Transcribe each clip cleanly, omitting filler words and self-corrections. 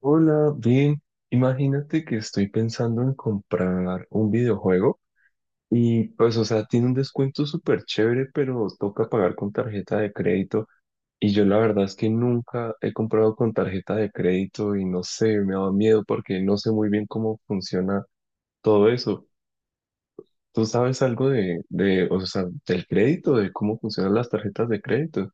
Hola, bien. Imagínate que estoy pensando en comprar un videojuego y pues, o sea, tiene un descuento súper chévere, pero toca pagar con tarjeta de crédito. Y yo la verdad es que nunca he comprado con tarjeta de crédito y no sé, me da miedo porque no sé muy bien cómo funciona todo eso. ¿Tú sabes algo de, o sea, del crédito, de cómo funcionan las tarjetas de crédito?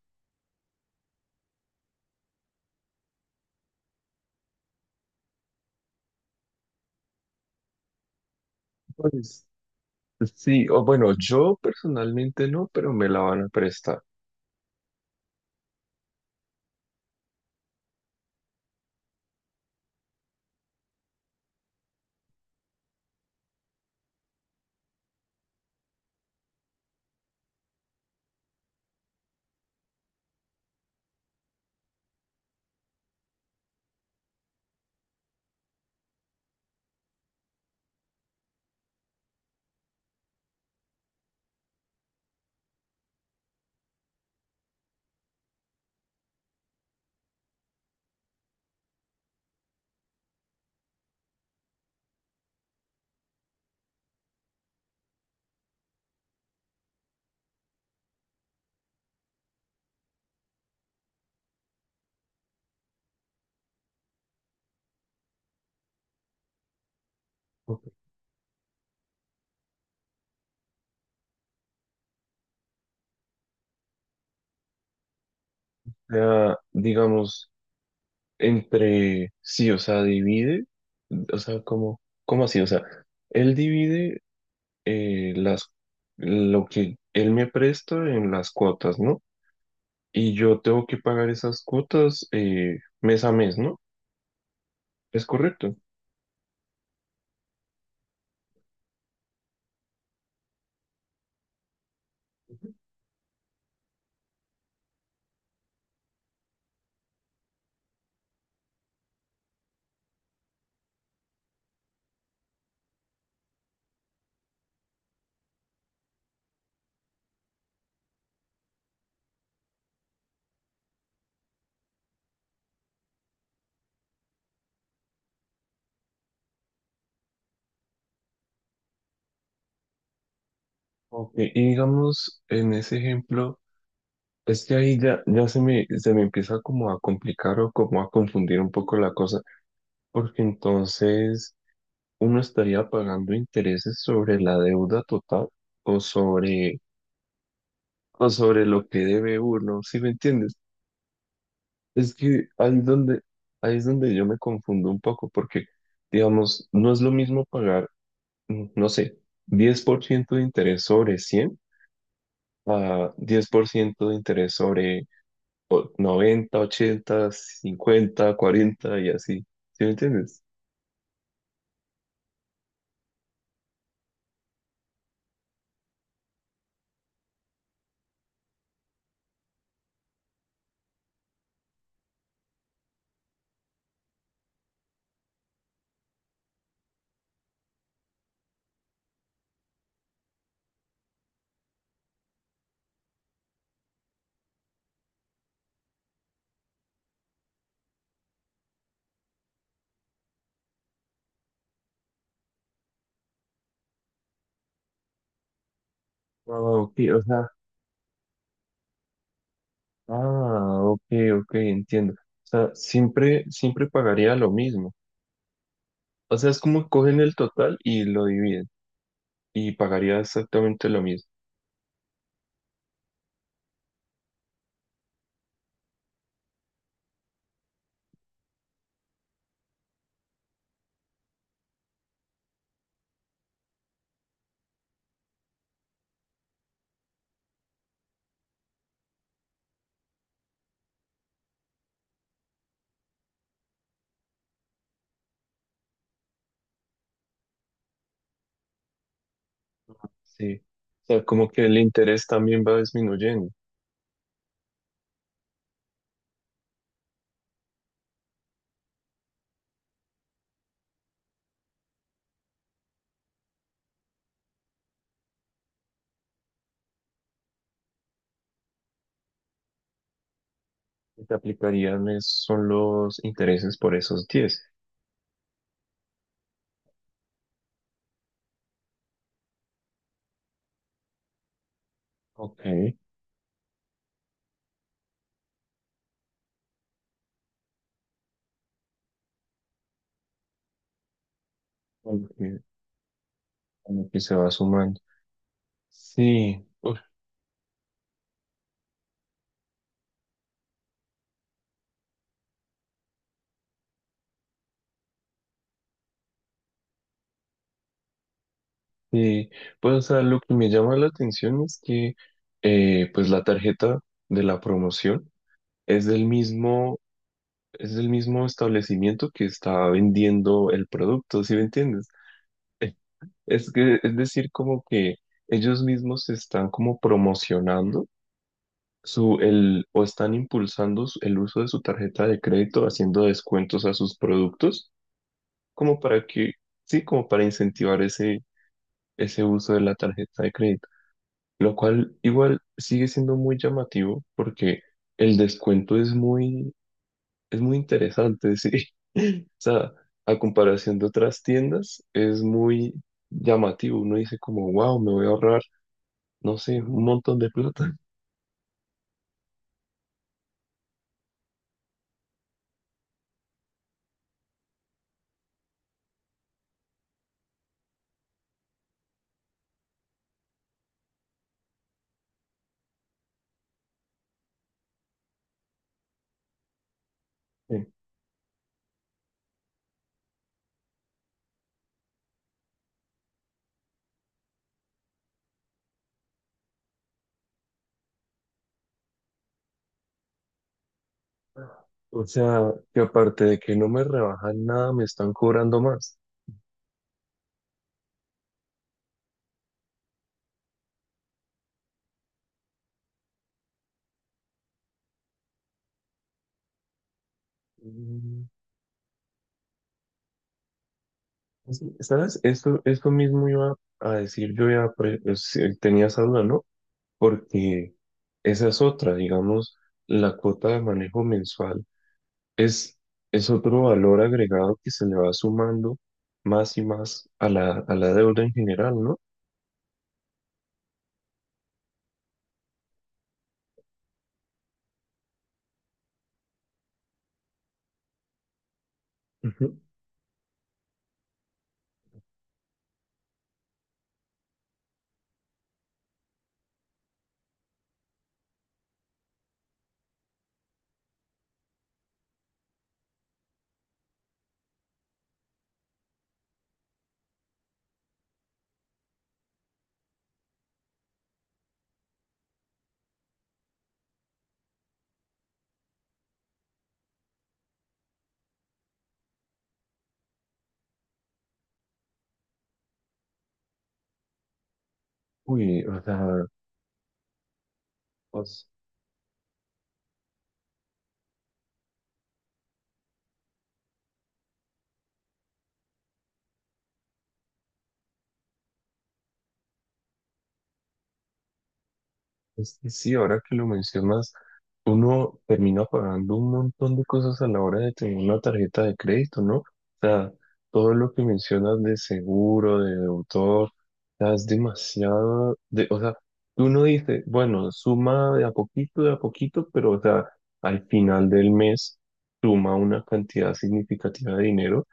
Pues sí, o bueno, yo personalmente no, pero me la van a prestar. Sea, digamos, entre sí, o sea, divide, o sea, como, ¿cómo así? O sea, él divide las, lo que él me presta en las cuotas, ¿no? Y yo tengo que pagar esas cuotas mes a mes, ¿no? Es correcto. Ok, y digamos, en ese ejemplo, es que ahí ya, ya se me empieza como a complicar o como a confundir un poco la cosa, porque entonces uno estaría pagando intereses sobre la deuda total o sobre, o sobre lo que debe uno, ¿sí me entiendes? Es que ahí es donde yo me confundo un poco, porque, digamos, no es lo mismo pagar, no sé, 10% de interés sobre 100 a 10% de interés sobre 90 80 50 40 y así, ¿sí me entiendes? Ah, ok, o sea, ah, ok, ok, entiendo. O sea, siempre, siempre pagaría lo mismo. O sea, es como que cogen el total y lo dividen y pagaría exactamente lo mismo. Sí. O sea, como que el interés también va disminuyendo. Y te aplicarían ¿son los intereses por esos 10? Ok, como que, como que se va sumando. Sí, uf, sí. Pues, o sea, lo que me llama la atención es que, pues, la tarjeta de la promoción es del mismo. Es el mismo establecimiento que está vendiendo el producto, ¿sí me entiendes? Eh, Es que, es decir, como que ellos mismos están como promocionando su, el, o están impulsando el uso de su tarjeta de crédito, haciendo descuentos a sus productos, como para que, sí, como para incentivar ese, ese uso de la tarjeta de crédito, lo cual igual sigue siendo muy llamativo porque el descuento es muy interesante, sí. O sea, a comparación de otras tiendas, es muy llamativo. Uno dice como, wow, me voy a ahorrar, no sé, un montón de plata. Sí. O sea, que aparte de que no me rebajan nada, me están cobrando más. Mm, sí, ¿sabes? Esto mismo iba a decir, yo ya sí, tenía esa duda, ¿no? Porque esa es otra, digamos, la cuota de manejo mensual. Es, es otro valor agregado que se le va sumando más y más a la deuda en general, ¿no? Ujú. Uy, o sea, os- es que sí, ahora que lo mencionas, uno termina pagando un montón de cosas a la hora de tener una tarjeta de crédito, ¿no? O sea, todo lo que mencionas de seguro, de autor, es demasiado, de, o sea, uno dice, bueno, suma de a poquito, pero, o sea, al final del mes suma una cantidad significativa de dinero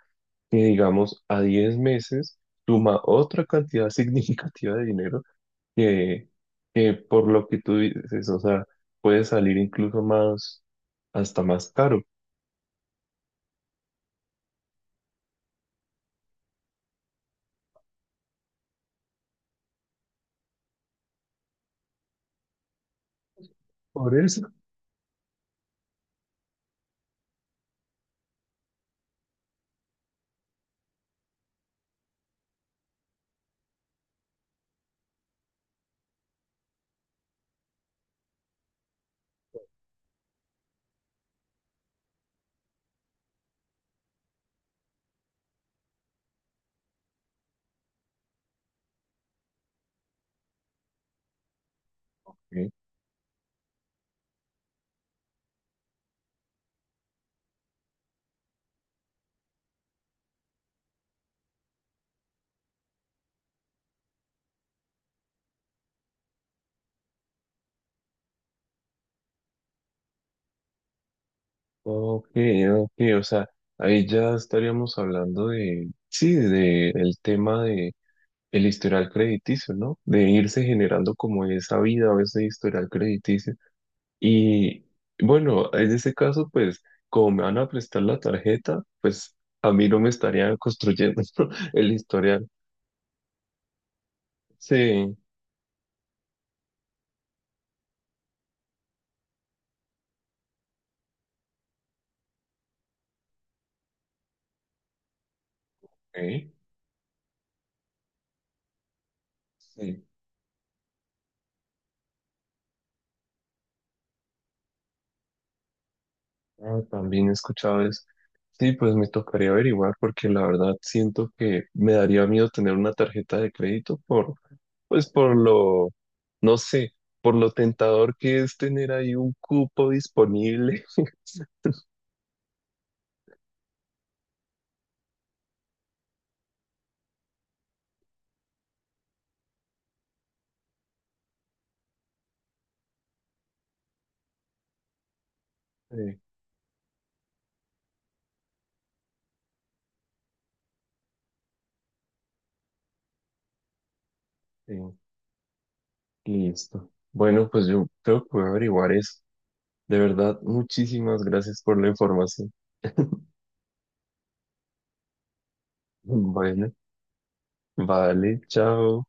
que, digamos, a 10 meses suma otra cantidad significativa de dinero que, que por lo que tú dices, o sea, puede salir incluso más, hasta más caro. Por eso. Ok, ok, ok, o sea, ahí ya estaríamos hablando de, sí, de el tema de el historial crediticio, ¿no? De irse generando como esa vida o ese historial crediticio. Y bueno, en ese caso, pues, como me van a prestar la tarjeta, pues a mí no me estarían construyendo el historial. Sí, ok, sí. Ah, también he escuchado eso. Sí, pues me tocaría averiguar porque la verdad siento que me daría miedo tener una tarjeta de crédito por, pues por lo, no sé, por lo tentador que es tener ahí un cupo disponible. Sí, sí, listo. Bueno, pues yo creo que voy a averiguar eso. De verdad, muchísimas gracias por la información. Bueno, vale, chao.